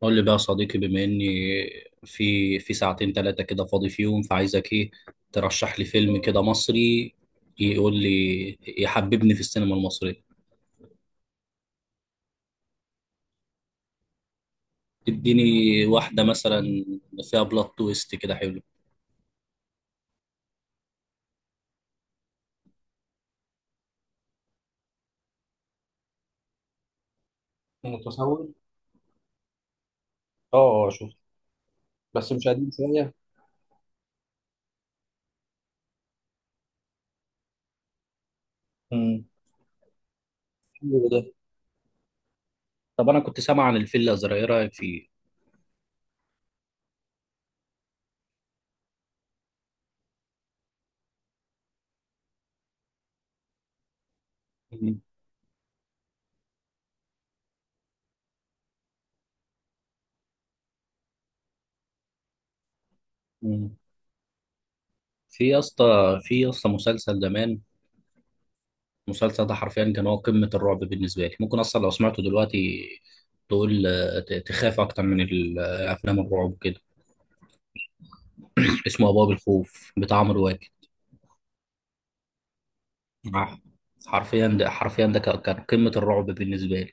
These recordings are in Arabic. قول لي بقى يا صديقي، بما اني في ساعتين ثلاثة كده فاضي فيهم، فعايزك ايه؟ ترشح لي فيلم كده مصري يقول لي يحببني في السينما المصرية. اديني واحدة مثلا فيها بلوت تويست كده حلو. متسول، اه اه، شوف. بس مش قديم شويه؟ مم. حلو ده. طب انا كنت سامع عن الفيل الازرق، ايه رايك فيه؟ مم. مم. في يا اسطى في يا اسطى مسلسل زمان. المسلسل ده حرفيا كان هو قمة الرعب بالنسبة لي، ممكن أصلا لو سمعته دلوقتي تقول تخاف أكتر من أفلام الرعب كده. اسمه أبواب الخوف بتاع عمرو واكد آه، حرفيا ده كان قمة الرعب بالنسبة لي.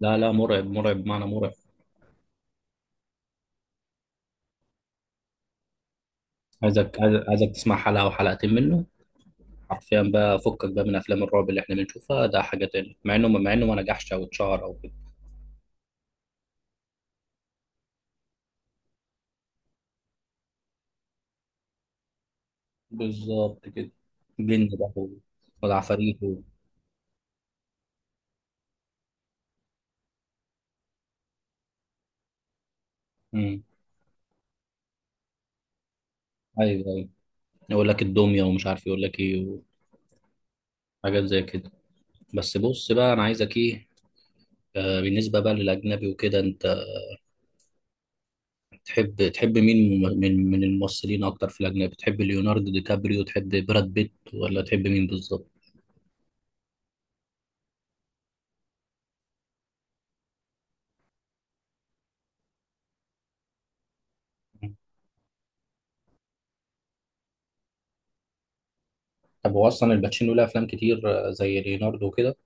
لا لا، مرعب مرعب بمعنى مرعب. عايزك تسمع حلقة أو حلقتين منه. حرفيا بقى فكك بقى من أفلام الرعب اللي إحنا بنشوفها، ده حاجة تانية، مع إنه ما نجحش أو اتشهر أو كده. بالظبط كده. جن بقى والعفاريت مم. أيوه أيوه. يقول لك الدميه ومش عارف يقول لك ايه، وحاجات زي كده. بس بص بقى، انا عايزك ايه. بالنسبه بقى للاجنبي وكده، انت تحب مين من الممثلين اكتر في الاجنبي؟ تحب ليوناردو دي كابريو، تحب براد بيت، ولا تحب مين بالظبط؟ طب هو اصلا الباتشينو له افلام كتير، زي ليوناردو وكده.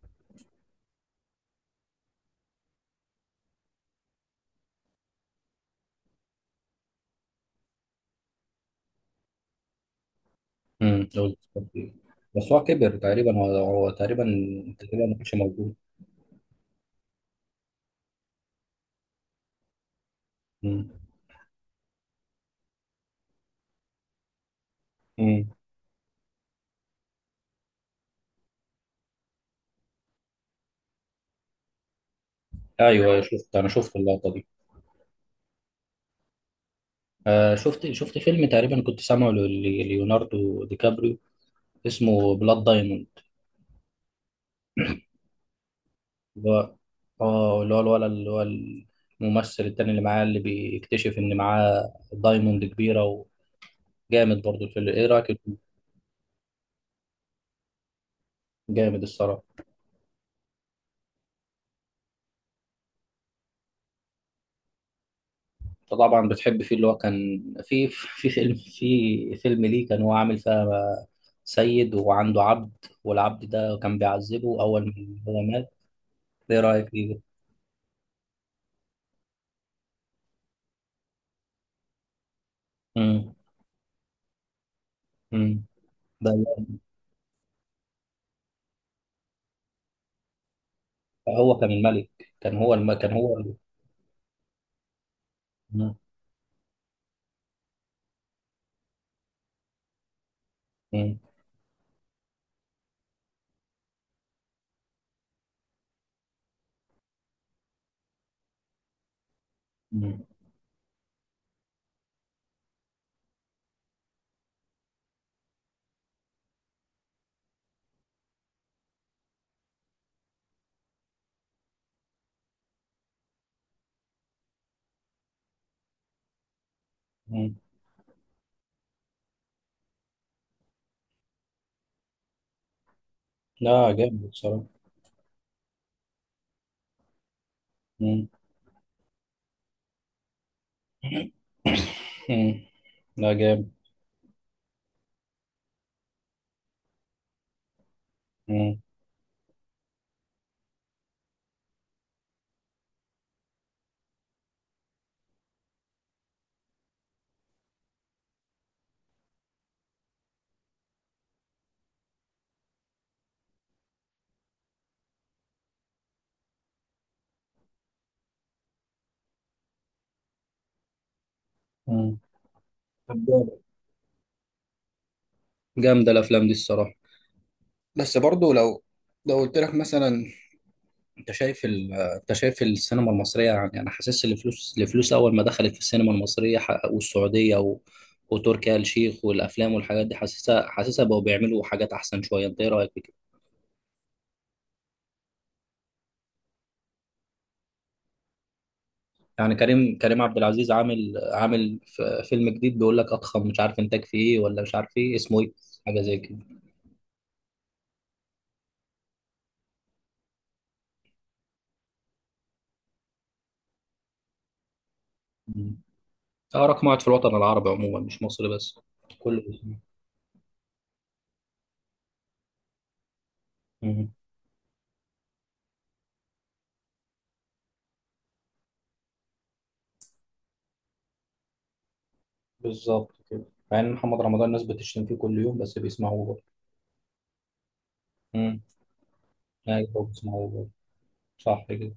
امم لو- بس هو كبر تقريبا، هو تقريبا ما كانش موجود. امم امم ايوه، انا شفت اللقطه دي. شفت فيلم تقريبا كنت سامعه ليوناردو دي كابريو، اسمه بلاد دايموند. اللي هو اه اللي هو الولد، اللي هو الممثل التاني اللي معاه، اللي بيكتشف ان معاه دايموند كبيرة. وجامد برضه الفيلم، ايه رأيك الفيلم؟ جامد الصراحة. انت طبعا بتحب فيه اللي هو كان في في فيلم ليه، كان هو عامل فيها سيد وعنده عبد، والعبد ده كان بيعذبه اول ما هو مات. ايه رأيك فيه؟ امم امم ده. هو كان الملك، كان هو الم... كان هو ال... مم. مم. مم. مم. لا جامد بصراحة. مم. لا جامد. مم. مم. طب جامد. جامدة الأفلام دي الصراحة. بس برضو لو قلت لك مثلا، أنت شايف السينما المصرية. يعني أنا حاسس إن الفلوس، أول ما دخلت في السينما المصرية والسعودية وتركي آل الشيخ والأفلام والحاجات دي، حاسسها بقوا بيعملوا حاجات أحسن شوية. أنت إيه رأيك في كده؟ يعني كريم، عبد العزيز عامل فيلم جديد بيقول لك أضخم مش عارف إنتاج فيه إيه، ولا مش عارف إيه اسمه إيه، حاجة زي كده. اه، رقم واحد في الوطن العربي عموما، مش مصر بس، كله بيسمع. مم. بالظبط كده. مع ان محمد رمضان الناس بتشتم فيه كل يوم بس بيسمعوه برضه. مم. ايوه بيسمعوه برضه. صح كده.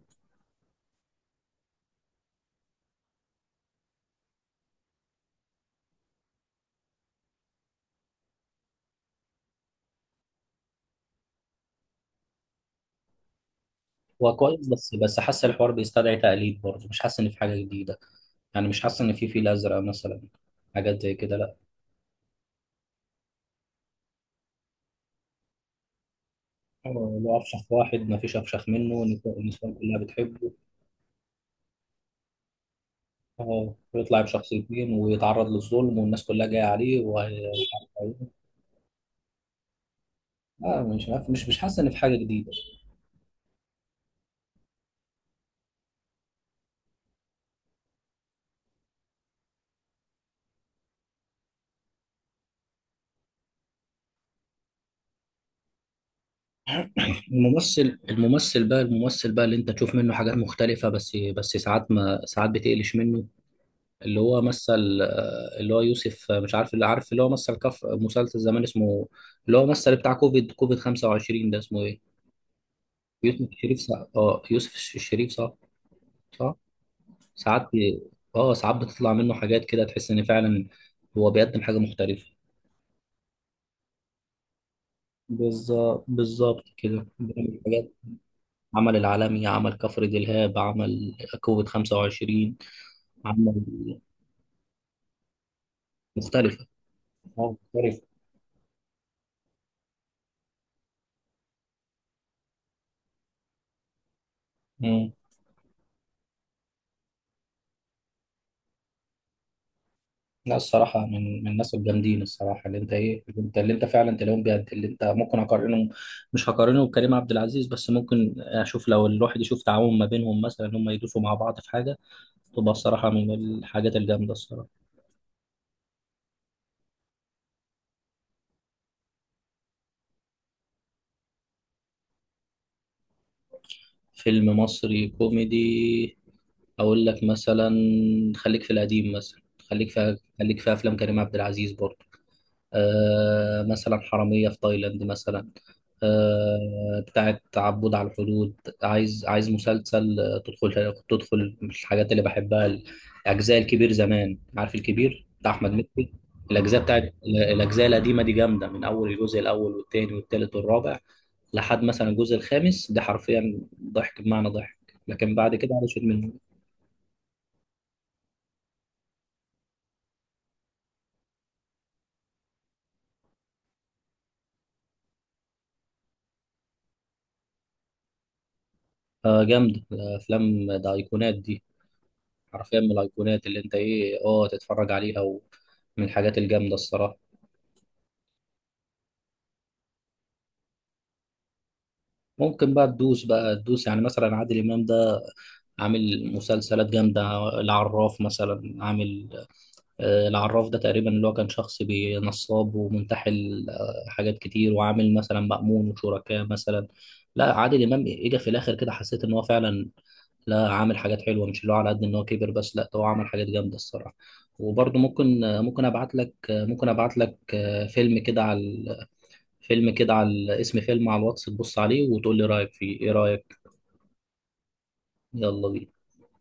هو كويس، بس حاسس الحوار بيستدعي تقليد برضه، مش حاسس ان في حاجه جديده. يعني مش حاسس ان في فيل ازرق مثلا، حاجات زي كده، لا. هو لو افشخ واحد ما فيش افشخ منه، النساء كلها بتحبه. اه ويطلع بشخص اتنين، ويتعرض للظلم، والناس كلها جايه عليه، و... مش عارف- مش مش حاسس ان في حاجه جديده. الممثل بقى اللي انت تشوف منه حاجات مختلفة، بس ساعات ما ساعات بتقلش منه. اللي هو مثل، اللي هو يوسف، مش عارف، اللي عارف اللي هو مثل كف مسلسل زمان اسمه، اللي هو مثل بتاع كوفيد 25، ده اسمه ايه؟ يوسف الشريف، صح. اه يوسف الشريف، صح. صح. ساعات بي... اه ساعات بتطلع منه حاجات كده تحس ان فعلا هو بيقدم حاجة مختلفة. بالظبط بالظبط كده بيعمل حاجات. عمل العالمي، عمل كفر دلهاب، عمل كوفيد 25، عمل مختلفة، مختلف. مم. لا الصراحة، من الناس الجامدين الصراحة، اللي انت اللي انت فعلا تلاقيهم، بجد اللي انت ممكن اقارنهم، مش هقارنه بكريم عبد العزيز، بس ممكن اشوف لو الواحد يشوف تعاون ما بينهم مثلا، ان هم يدوسوا مع بعض في حاجة، تبقى الصراحة من الحاجات الجامدة الصراحة. فيلم مصري كوميدي، اقول لك مثلا، خليك في القديم مثلا، خليك في افلام كريم عبد العزيز برضه. مثلا حرامية في تايلاند مثلا، بتاعة عبود على الحدود. عايز مسلسل، تدخل مش الحاجات اللي بحبها. الأجزاء، الكبير زمان، عارف الكبير بتاع أحمد مكي، الأجزاء الأجزاء القديمة دي جامدة، من أول الجزء الأول والتاني والتالت والرابع لحد مثلا الجزء الخامس، ده حرفيا ضحك بمعنى ضحك. لكن بعد كده علشان من. جامد الأفلام ده، أيقونات دي حرفيا من الايقونات اللي انت ايه اه تتفرج عليها، ومن الحاجات الجامده الصراحه. ممكن بقى تدوس، يعني مثلا عادل امام ده عامل مسلسلات جامده. العراف مثلا عامل، العراف ده تقريبا اللي هو كان شخص نصاب ومنتحل، حاجات كتير، وعامل مثلا مأمون وشركاه مثلا. لا عادل امام اجى في الاخر كده حسيت ان هو فعلا، لا عامل حاجات حلوه، مش اللي هو على قد ان هو كبر بس، لا ده هو عمل حاجات جامده الصراحه. وبرضه ممكن ابعت لك فيلم كده على، اسم فيلم على الواتس، تبص عليه وتقول لي رايك فيه، ايه رايك. يلا بينا.